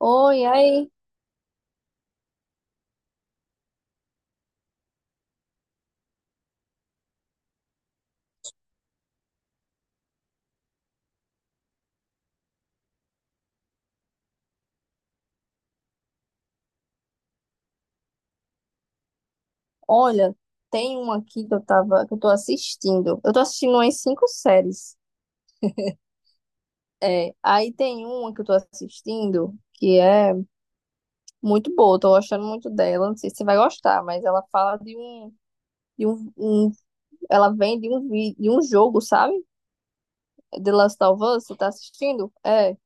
Oi, aí. Olha, tem uma aqui que eu tô assistindo. Eu tô assistindo umas 5 séries. Aí tem uma que eu tô assistindo que é muito boa, tô gostando muito dela. Não sei se você vai gostar, mas ela fala de um, um- ela vem de um jogo, sabe? É The Last of Us, você tá assistindo? É,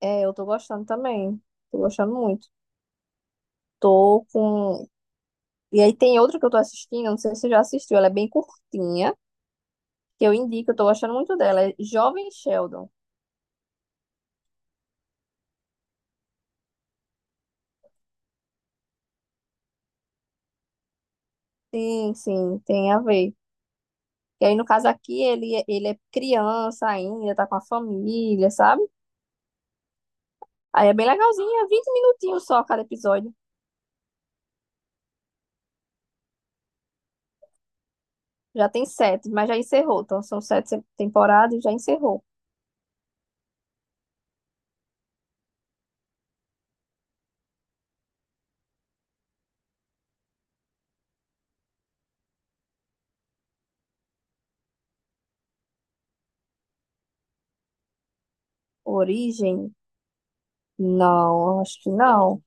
é, Eu tô gostando também. Tô gostando muito. Tô com. E aí tem outra que eu tô assistindo, não sei se você já assistiu, ela é bem curtinha. Que eu indico, eu tô gostando muito dela. É Jovem Sheldon. Sim, sim, tem a ver. E aí, no caso aqui, ele é criança ainda, tá com a família, sabe? Aí é bem legalzinho, é 20 minutinhos só cada episódio. Já tem sete, mas já encerrou. Então, são sete se- temporadas e já encerrou. Origem? Não, acho que não.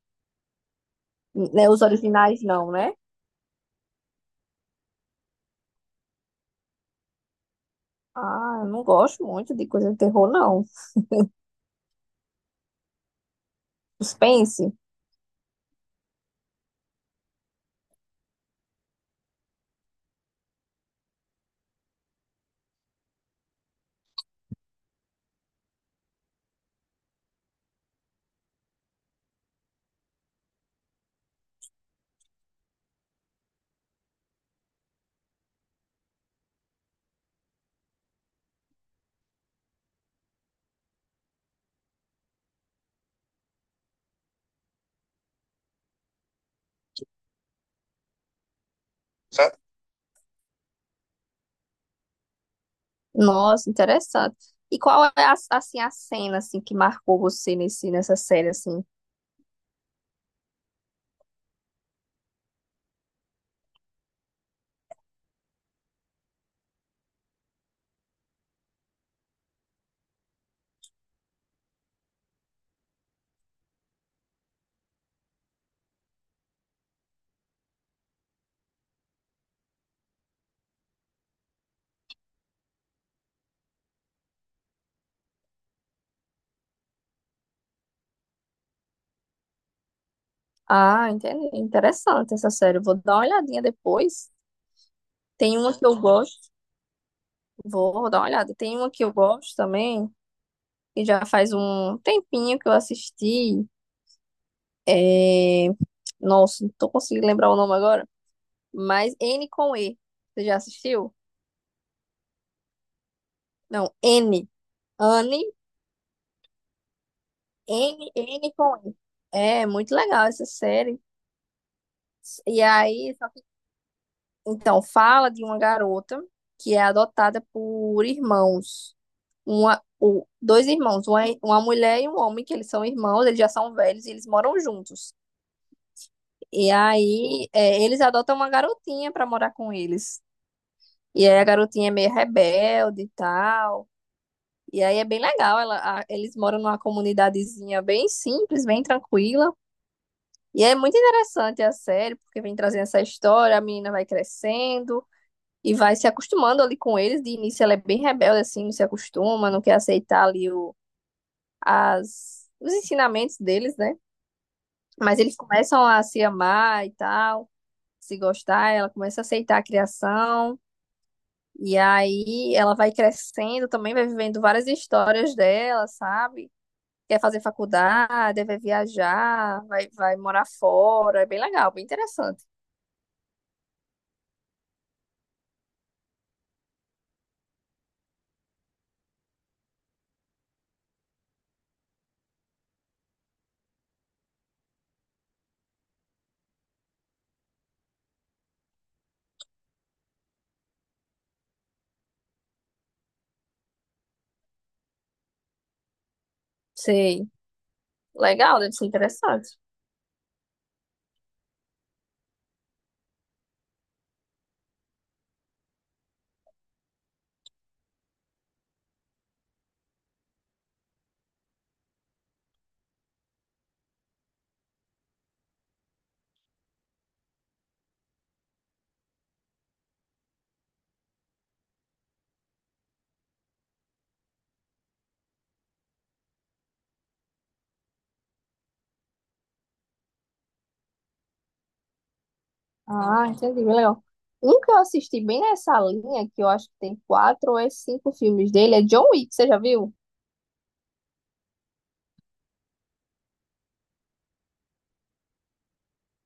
Né, Os originais, não, né? Ah, eu não gosto muito de coisa de terror, não. Suspense? Nossa, interessante. E qual é a, assim, a cena assim que marcou você nesse nessa série assim? Ah, entendi. Interessante essa série. Vou dar uma olhadinha depois. Tem uma que eu gosto. Vou dar uma olhada. Tem uma que eu gosto também, que já faz um tempinho que eu assisti. É... Nossa, não tô conseguindo lembrar o nome agora, mas N com E. Você já assistiu? Não, N. Anne, N com E. É muito legal essa série. E aí então, fala de uma garota que é adotada por irmãos. Dois irmãos, uma mulher e um homem, que eles são irmãos, eles já são velhos e eles moram juntos. Eles adotam uma garotinha pra morar com eles. E aí a garotinha é meio rebelde e tal. E aí é bem legal, eles moram numa comunidadezinha bem simples, bem tranquila. E é muito interessante a série, porque vem trazendo essa história, a menina vai crescendo, e vai se acostumando ali com eles. De início ela é bem rebelde, assim, não se acostuma, não quer aceitar ali os ensinamentos deles, né? Mas eles começam a se amar e tal, se gostar, ela começa a aceitar a criação. E aí ela vai crescendo também, vai vivendo várias histórias dela, sabe? Quer fazer faculdade, vai viajar, vai morar fora. É bem legal, bem interessante. Sei. Legal, deve ser interessante. Ah, entendi, bem legal. Um que eu assisti bem nessa linha, que eu acho que tem 4 ou 5 filmes dele, é John Wick, você já viu?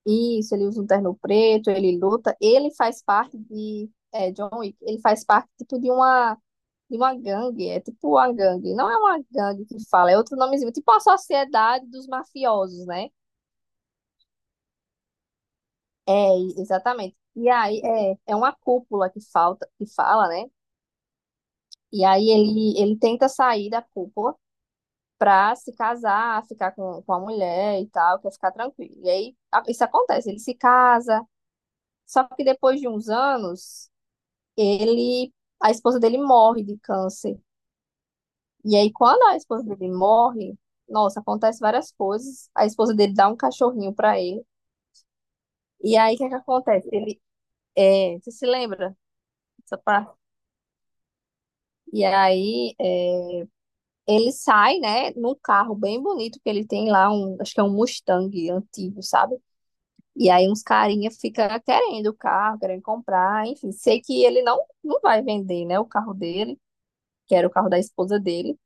Isso, ele usa um terno preto, ele luta, ele faz parte John Wick, ele faz parte, tipo, de uma gangue, é tipo uma gangue, não é uma gangue que fala, é outro nomezinho, tipo a sociedade dos mafiosos, né? Exatamente. É uma cúpula que falta, que fala, né? E aí ele tenta sair da cúpula, pra se casar, ficar com a mulher e tal, quer ficar tranquilo. E aí isso acontece, ele se casa, só que depois de uns anos, ele, a esposa dele morre de câncer. E aí quando a esposa dele morre, nossa, acontece várias coisas. A esposa dele dá um cachorrinho pra ele. E aí o que é que acontece? Você se lembra dessa parte? E aí é, ele sai, né, num carro bem bonito que ele tem lá, um, acho que é um Mustang antigo, sabe? E aí uns carinha fica querendo o carro, querendo comprar, enfim, sei que ele não vai vender, né, o carro dele, que era o carro da esposa dele.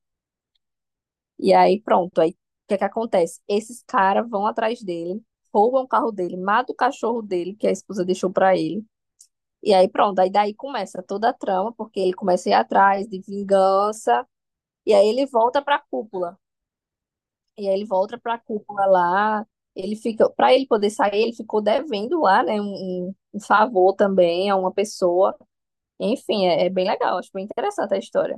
E aí pronto, aí o que é que acontece? Esses caras vão atrás dele, roubam o carro dele, matam o cachorro dele que a esposa deixou pra ele. E aí pronto, aí daí começa toda a trama, porque ele começa a ir atrás de vingança, e aí ele volta pra cúpula. E aí ele volta para Cuba lá. Ele fica, para ele poder sair, ele ficou devendo lá, né, um favor também a uma pessoa. Enfim, é, é bem legal, acho bem interessante a história.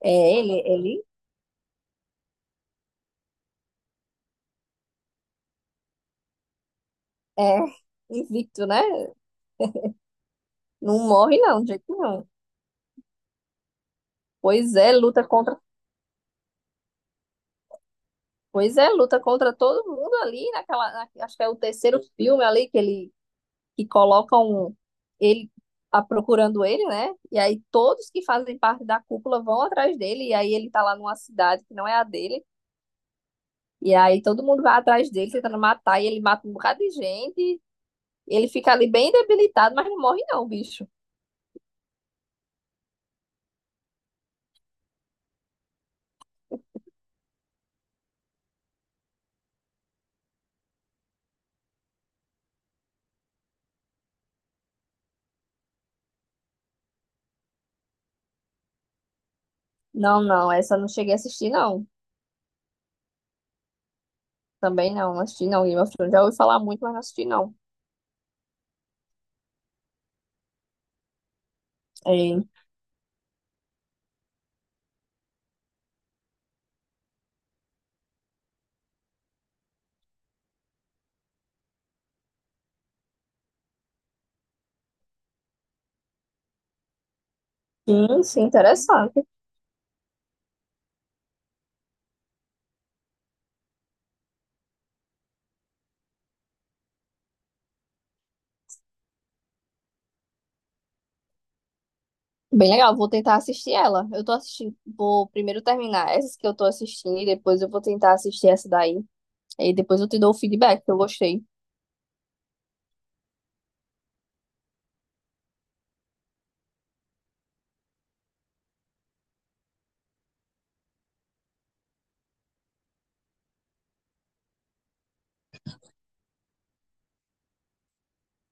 Ele é invicto, né? Não morre não, de jeito nenhum. Pois é, luta contra, pois é, luta contra todo mundo ali acho que é o terceiro filme ali que colocam ele a, procurando ele, né? E aí todos que fazem parte da cúpula vão atrás dele, e aí ele tá lá numa cidade que não é a dele, e aí todo mundo vai atrás dele tentando matar, e ele mata um bocado de gente, ele fica ali bem debilitado, mas não morre não, bicho. Não, não, essa eu não cheguei a assistir, não. Também não, não assisti não, Game of Thrones. Já ouvi falar muito, mas não assisti não. É, sim, sim, interessante. Bem legal, vou tentar assistir ela. Eu tô assistindo, vou primeiro terminar essas que eu tô assistindo e depois eu vou tentar assistir essa daí. E depois eu te dou o feedback que eu gostei.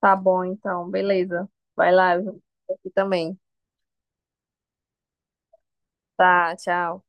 Tá bom, então, beleza. Vai lá, eu vou aqui também. Tá, tchau.